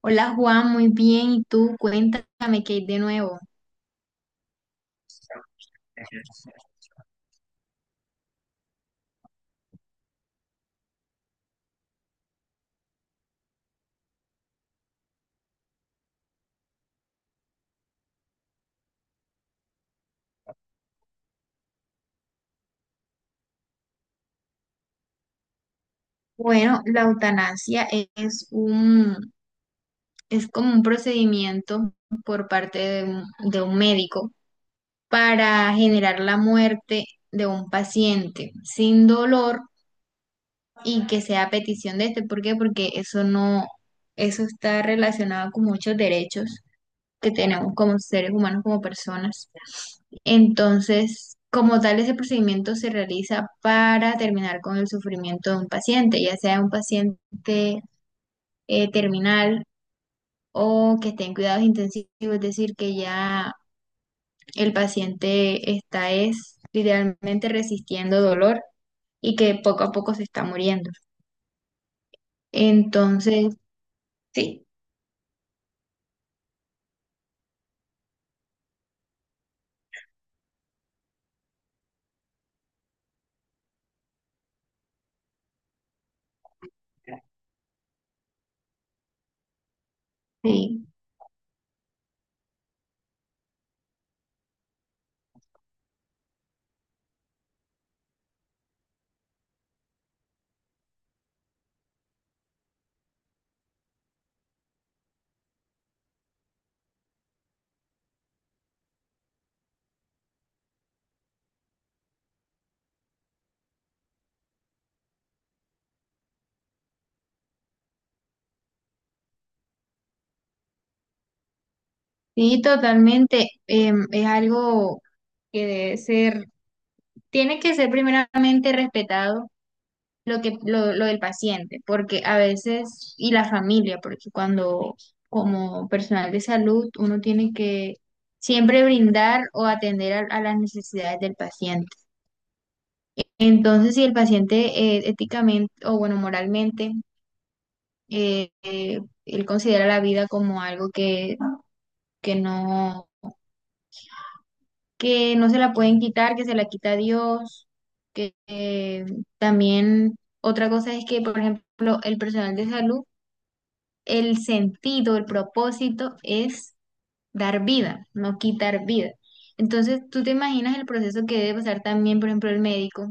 Hola Juan, muy bien. ¿Y tú? Cuéntame qué hay de nuevo. Bueno, la eutanasia es un, es como un procedimiento por parte de un médico para generar la muerte de un paciente sin dolor y que sea a petición de este. ¿Por qué? Porque eso no, eso está relacionado con muchos derechos que tenemos como seres humanos, como personas. Entonces, como tal, ese procedimiento se realiza para terminar con el sufrimiento de un paciente, ya sea un paciente terminal o que esté en cuidados intensivos, es decir, que ya el paciente está es literalmente resistiendo dolor y que poco a poco se está muriendo. Entonces, sí, sí, sí, totalmente. Es algo que debe ser. Tiene que ser primeramente respetado lo que lo del paciente, porque a veces, y la familia, porque cuando como personal de salud uno tiene que siempre brindar o atender a las necesidades del paciente. Entonces, si el paciente, éticamente o bueno, moralmente, eh, eh, él considera la vida como algo que no que no se la pueden quitar, que se la quita Dios, que también otra cosa es que, por ejemplo, el personal de salud, el sentido, el propósito es dar vida, no quitar vida. Entonces, tú te imaginas el proceso que debe pasar también, por ejemplo, el médico,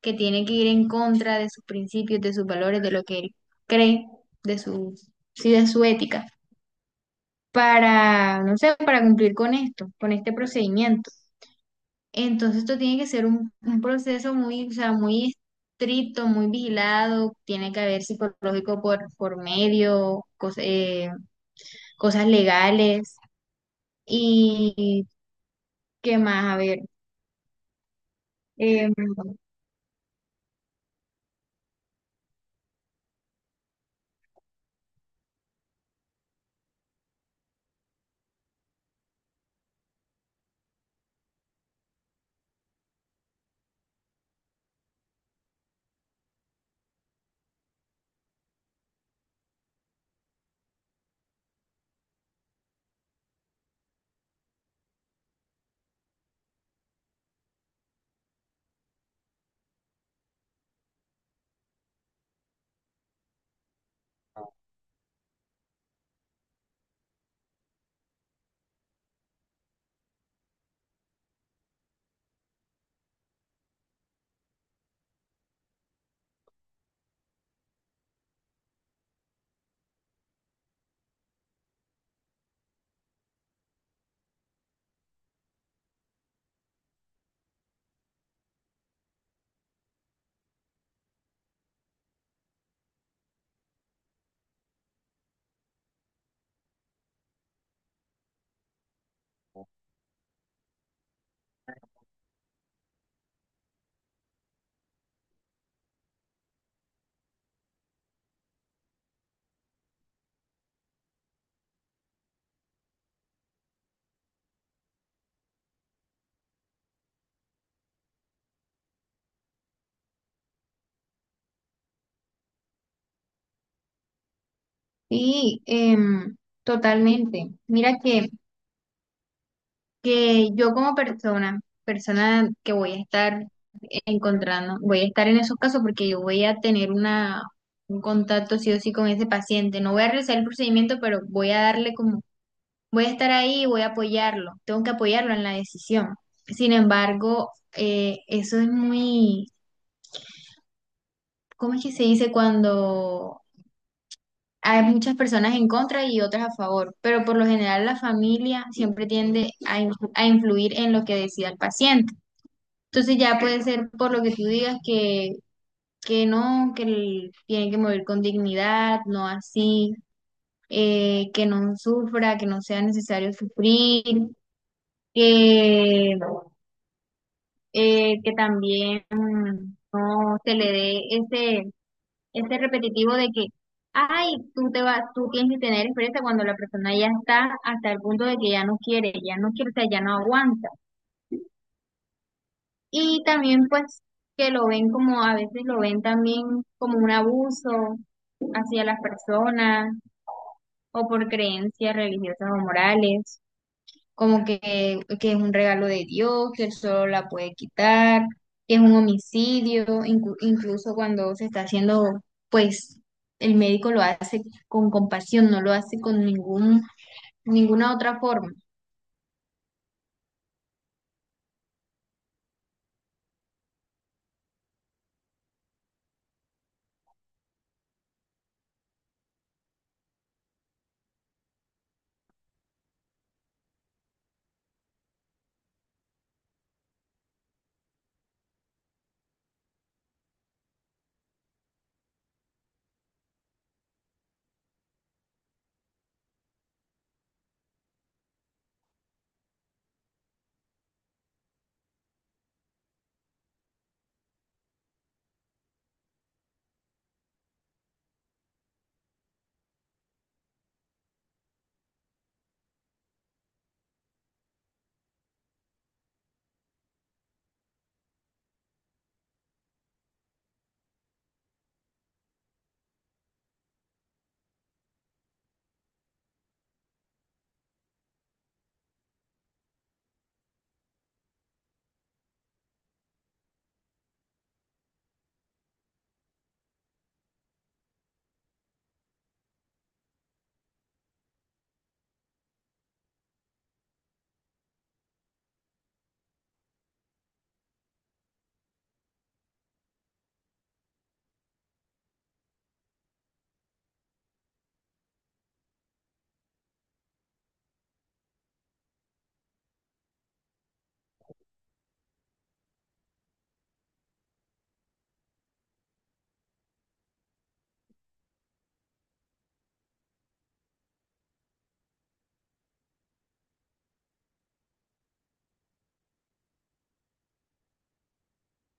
que tiene que ir en contra de sus principios, de sus valores, de lo que él cree, de su, sí, de su ética, para, no sé, para cumplir con esto, con este procedimiento. Entonces esto tiene que ser un proceso muy, o sea, muy estricto, muy vigilado, tiene que haber psicológico por medio, cosas legales y qué más, a ver. em, sí, totalmente. Mira que yo como persona, persona que voy a estar encontrando, voy a estar en esos casos porque yo voy a tener una, un contacto sí o sí con ese paciente. No voy a realizar el procedimiento, pero voy a darle como voy a estar ahí y voy a apoyarlo, tengo que apoyarlo en la decisión. Sin embargo, eso es muy, ¿cómo es que se dice cuando hay muchas personas en contra y otras a favor? Pero por lo general la familia siempre tiende a influir en lo que decida el paciente. Entonces ya puede ser por lo que tú digas que no, tiene que morir con dignidad, no así, que no sufra, que no sea necesario sufrir que que también no se le dé ese repetitivo de que, ay, tú te vas, tú tienes que tener experiencia cuando la persona ya está hasta el punto de que ya no quiere, o sea, ya no aguanta. Y también pues que lo ven como, a veces lo ven también como un abuso hacia las personas o por creencias religiosas o morales. Como que es un regalo de Dios, que él solo la puede quitar, que es un homicidio, incluso cuando se está haciendo, pues el médico lo hace con compasión, no lo hace con ningún, ninguna otra forma.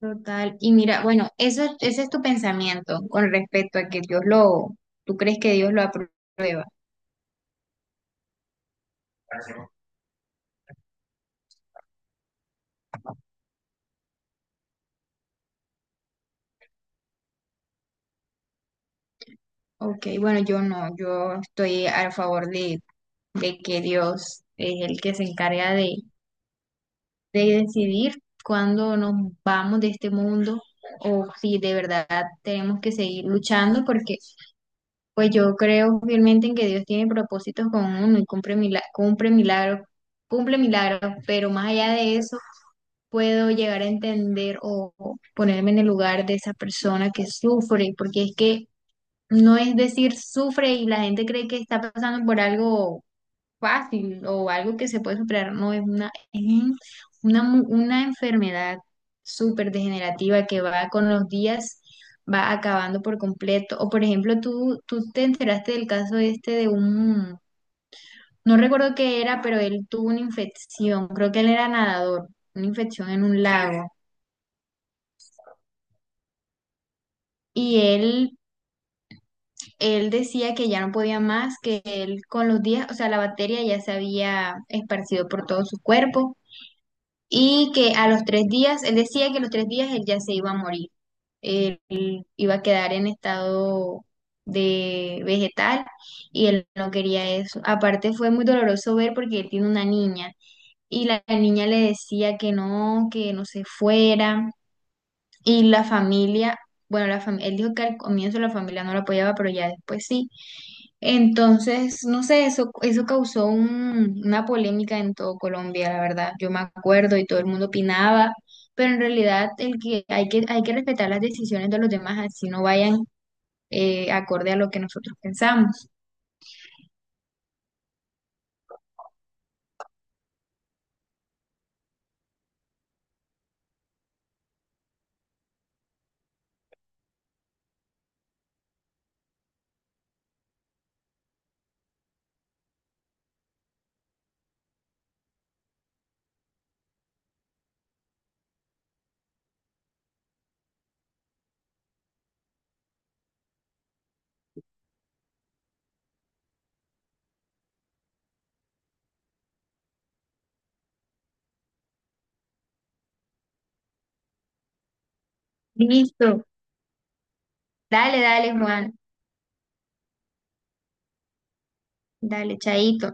Total. Y mira, bueno, eso, ese es tu pensamiento con respecto a que Dios lo, tú crees que Dios lo aprueba. Ok, bueno, yo no, yo estoy a favor de que Dios es el que se encarga de decidir cuándo nos vamos de este mundo o si de verdad tenemos que seguir luchando, porque pues yo creo fielmente en que Dios tiene propósitos con uno y cumple milagros, cumple milagros, cumple milagros, pero más allá de eso puedo llegar a entender o ponerme en el lugar de esa persona que sufre, porque es que no es decir sufre y la gente cree que está pasando por algo fácil o algo que se puede superar, no es una, es una, una enfermedad súper degenerativa que va con los días, va acabando por completo. O por ejemplo, tú te enteraste del caso este de un, no recuerdo qué era, pero él tuvo una infección, creo que él era nadador, una infección en un lago. Y él decía que ya no podía más, que él con los días, o sea, la bacteria ya se había esparcido por todo su cuerpo y que a los 3 días, él decía que a los 3 días él ya se iba a morir. Él iba a quedar en estado de vegetal y él no quería eso. Aparte fue muy doloroso ver porque él tiene una niña y la niña le decía que no se fuera y la familia, bueno, él dijo que al comienzo la familia no lo apoyaba, pero ya después sí. Entonces, no sé, eso causó una polémica en todo Colombia, la verdad. Yo me acuerdo y todo el mundo opinaba, pero en realidad el que hay que respetar las decisiones de los demás, así no vayan acorde a lo que nosotros pensamos. Listo. Dale, dale, Juan. Dale, chaito.